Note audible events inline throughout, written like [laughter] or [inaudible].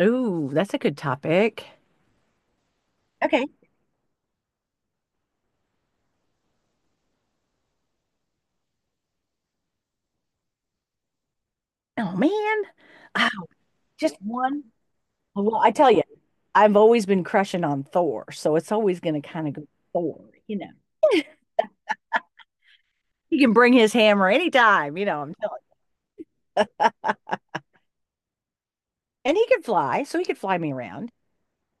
Ooh, that's a good topic. Okay. Oh man. Ah, [sighs] just one. Well, I tell you, I've always been crushing on Thor, so it's always going to kind of go Thor, He can bring his hammer anytime, I'm telling you. And he can fly, so he could fly me around.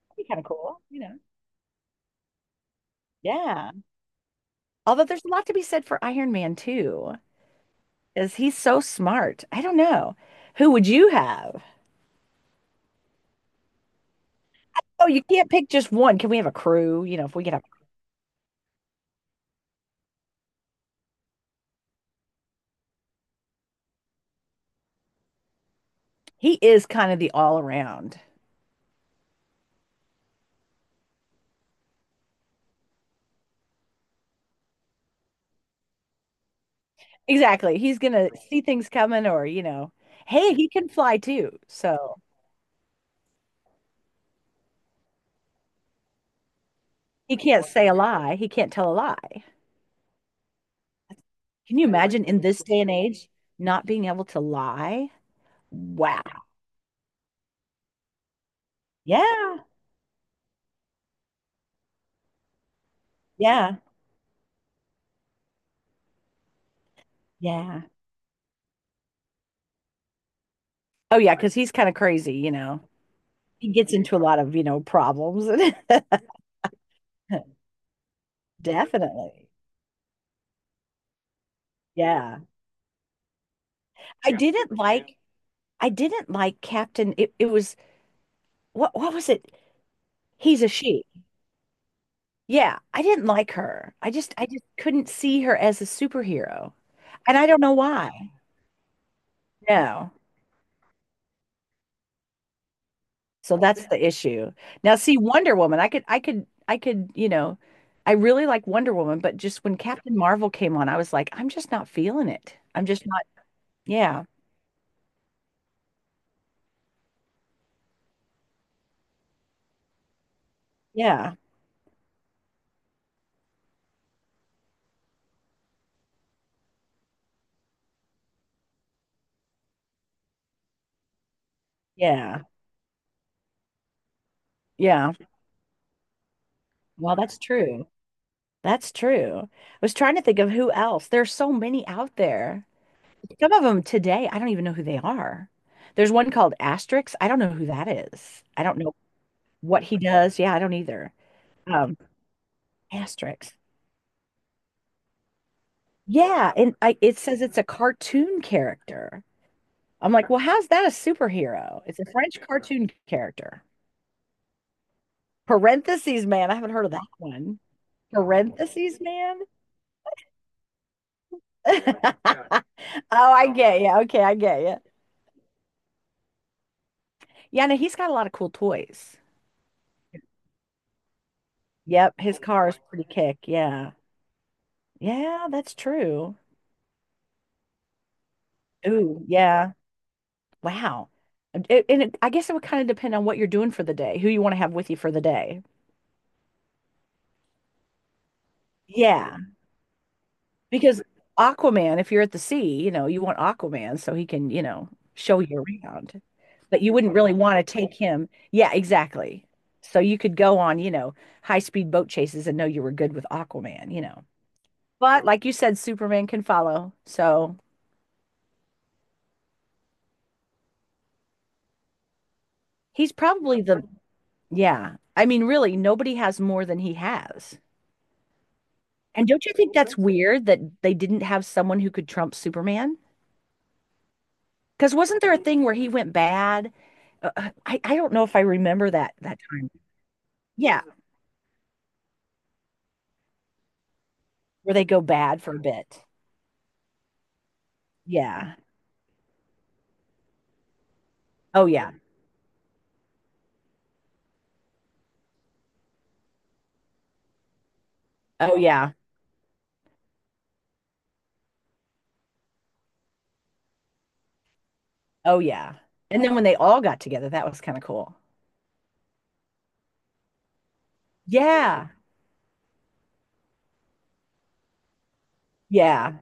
That'd be kind of cool, Yeah. Although there's a lot to be said for Iron Man too, because he's so smart. I don't know. Who would you have? Oh, you can't pick just one. Can we have a crew? You know, if we could have, he is kind of the all around. Exactly. He's gonna see things coming or, hey, he can fly too. So he can't say a lie. He can't tell a lie. Can you imagine in this day and age not being able to lie? Wow. Yeah. Yeah. Yeah. Oh yeah, because he's kind of crazy, He gets into a lot of, problems. [laughs] Definitely. Yeah. I didn't like I didn't like Captain it was what was it? He's a she. Yeah, I didn't like her. I just couldn't see her as a superhero. And I don't know why. No. So that's the issue. Now see Wonder Woman, I could, you know, I really like Wonder Woman, but just when Captain Marvel came on, I was like, I'm just not feeling it. I'm just not yeah. Yeah. Yeah. Yeah. Well, that's true. That's true. I was trying to think of who else. There's so many out there. Some of them today, I don't even know who they are. There's one called Asterix. I don't know who that is. I don't know what he does. Yeah, I don't either. Um, Asterix. Yeah, and I it says it's a cartoon character. I'm like, well, how's that a superhero? It's a French cartoon character. Parentheses man. I haven't heard of that one. Parentheses man. [laughs] Oh, I get you. Okay, I get you. Yeah, no, he's got a lot of cool toys. Yep, his car is pretty kick. Yeah. Yeah, that's true. Ooh, yeah. Wow. And it, I guess it would kind of depend on what you're doing for the day, who you want to have with you for the day. Yeah. Because Aquaman, if you're at the sea, you want Aquaman so he can, show you around. But you wouldn't really want to take him. Yeah, exactly. So you could go on, high-speed boat chases and know you were good with Aquaman, But like you said, Superman can follow. So he's probably the, yeah. I mean, really, nobody has more than he has. And don't you think that's weird that they didn't have someone who could trump Superman? Because wasn't there a thing where he went bad? I don't know if I remember that time. Yeah, where they go bad for a bit. Yeah. Oh yeah. Oh yeah. Oh yeah. And then when they all got together, that was kind of cool. Yeah. Yeah.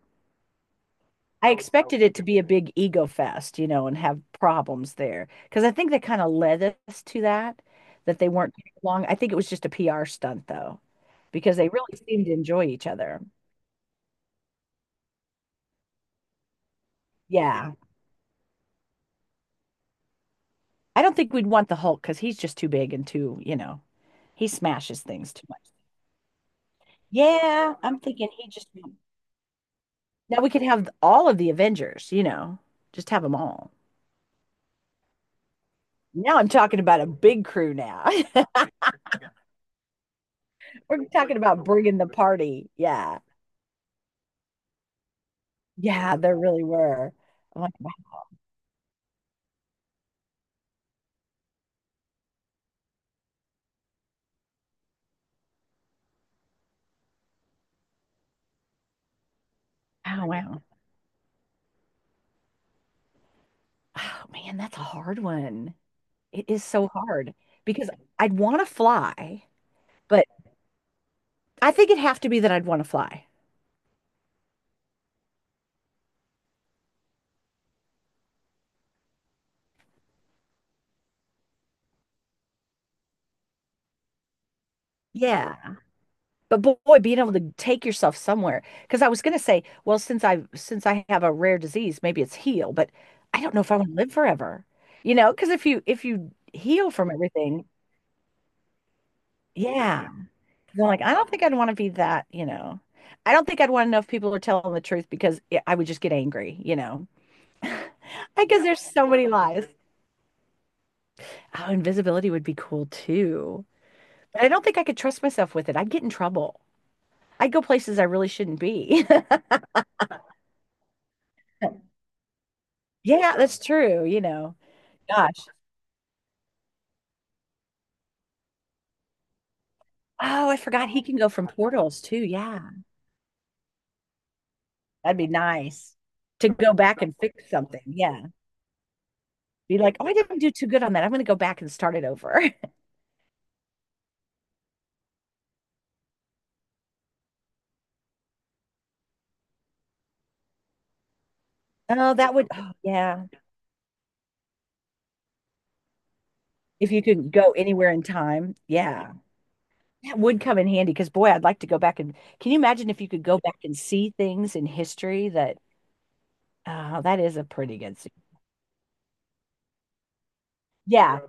I expected it to be a big ego fest, you know, and have problems there because I think that kind of led us to that, that they weren't getting along. I think it was just a PR stunt though, because they really seemed to enjoy each other. Yeah. Yeah. I don't think we'd want the Hulk because he's just too big and too, he smashes things too much. Yeah, I'm thinking he just. Now we could have all of the Avengers, you know, just have them all. Now I'm talking about a big crew now. [laughs] We're talking about bringing the party. Yeah. Yeah, there really were. I'm like, wow, wow. Oh man, that's a hard one. It is so hard because I'd want to fly, but I think it'd have to be that I'd want to fly. Yeah. But boy, being able to take yourself somewhere. Because I was gonna say, well, since I have a rare disease, maybe it's heal, but I don't know if I want to live forever. You know, because if you heal from everything, yeah. I'm like, I don't think I'd want to be that, I don't think I'd want to know if people are telling the truth because it, I would just get angry, I guess there's so many lies. Oh, invisibility would be cool too. But I don't think I could trust myself with it. I'd get in trouble. I'd go places I really shouldn't be. [laughs] Yeah, that's true, Gosh. Oh, I forgot he can go from portals too. Yeah. That'd be nice to go back and fix something. Yeah. Be like, oh, I didn't do too good on that. I'm going to go back and start it over. [laughs] Oh, that would, oh, yeah. If you could go anywhere in time, yeah, that would come in handy because boy, I'd like to go back and can you imagine if you could go back and see things in history that that is a pretty good yeah,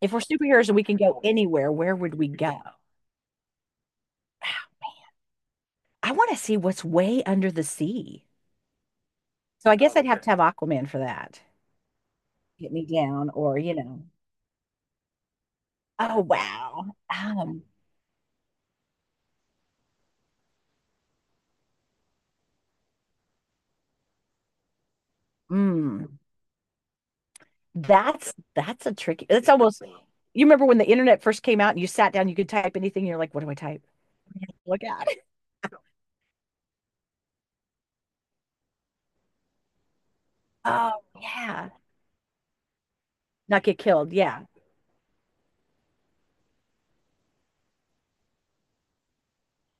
if we're superheroes and we can go anywhere, where would we go? I want to see what's way under the sea. So I guess I'd have to have Aquaman for that. Get me down, or oh wow, mm, that's a tricky. It's almost you remember when the internet first came out and you sat down, you could type anything, and you're like, what do I type? Look out. Oh, yeah. Not get killed. Yeah.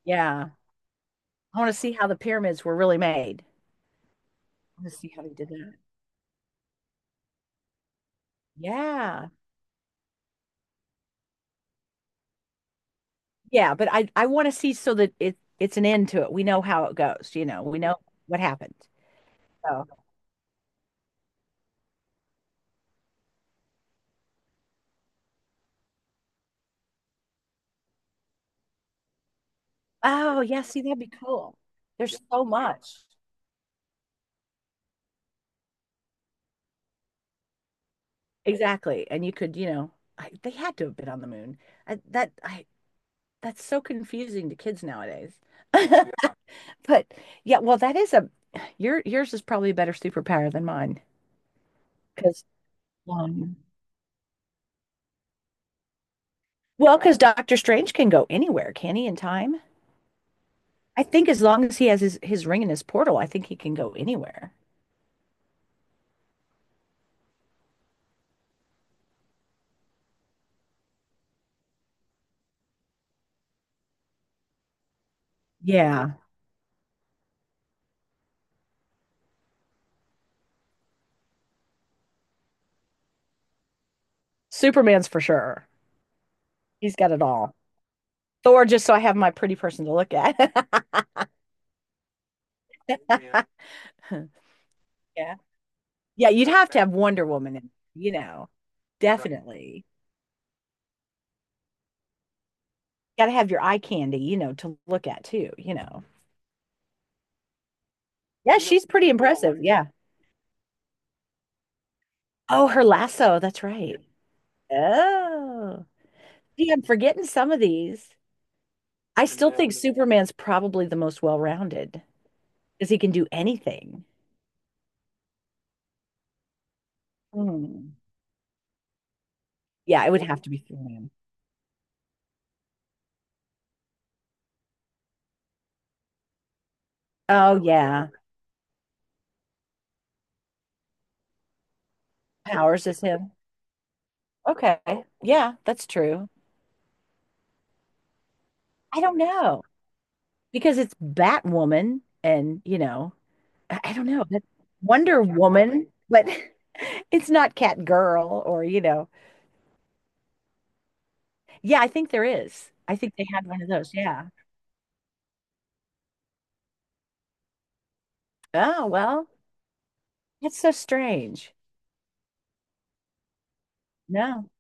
Yeah. I want to see how the pyramids were really made. I want to see how they did that. Yeah. Yeah, but I want to see so that it's an end to it. We know how it goes, you know. We know what happened. So, oh, yeah, see that'd be cool. There's so much. Exactly. And you could, you know, I, they had to have been on the moon. I, that I that's so confusing to kids nowadays. [laughs] But yeah, well, that is a your yours is probably a better superpower than mine. Um, Well, because Doctor Strange can go anywhere, can he, in time? I think as long as he has his ring and his portal, I think he can go anywhere. Yeah. Superman's for sure. He's got it all. Thor, just so I have my pretty person to look at. [laughs] Yeah. Yeah, you'd have to have Wonder Woman in, you know, definitely. Got to have your eye candy, to look at too, Yeah, she's pretty impressive. Yeah. Oh, her lasso. That's right. Oh, gee, I'm forgetting some of these. I still think Superman's probably the most well-rounded because he can do anything. Hmm. Yeah, it would have to be Superman. Oh yeah, Powers is him. Okay, yeah, that's true. I don't know because it's Batwoman, and, I don't know. That's Wonder Woman, but [laughs] it's not Catgirl or. Yeah, I think there is. I think they had one of those. Yeah. Oh well, that's so strange. No.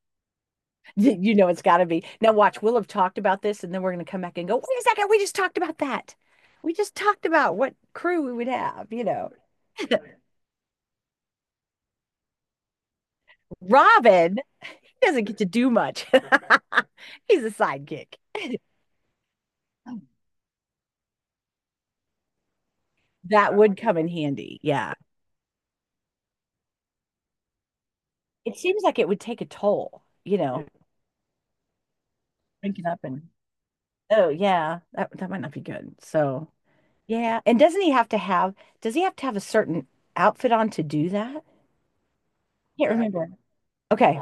[laughs] You know, it's got to be. Now, watch, we'll have talked about this, and then we're going to come back and go, wait a second, we just talked about that. We just talked about what crew we would have. You know, Robin, he doesn't get to do much. [laughs] He's a sidekick. That would come in handy. Yeah. It seems like it would take a toll, drinking up and, oh, yeah, that, that might not be good. So, yeah. And doesn't he have to have, does he have to have a certain outfit on to do that? Can't yeah, remember. Okay.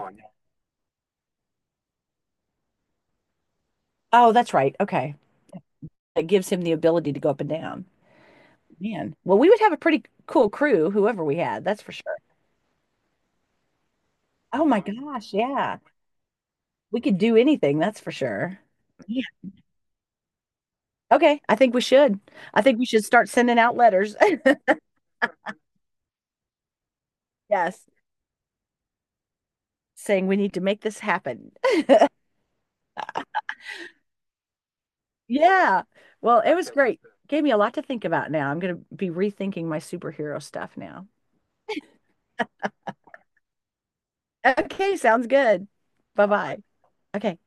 Oh, that's right. Okay. That gives him the ability to go up and down. Man, well, we would have a pretty cool crew, whoever we had, that's for sure. Oh my gosh, yeah. We could do anything, that's for sure. Yeah. Okay, I think we should. I think we should start sending out letters. [laughs] Yes, saying we need to make this happen. [laughs] Yeah. Well, it was great. Gave me a lot to think about now. I'm going to be rethinking my superhero stuff now. Okay, sounds good. Bye-bye. Okay.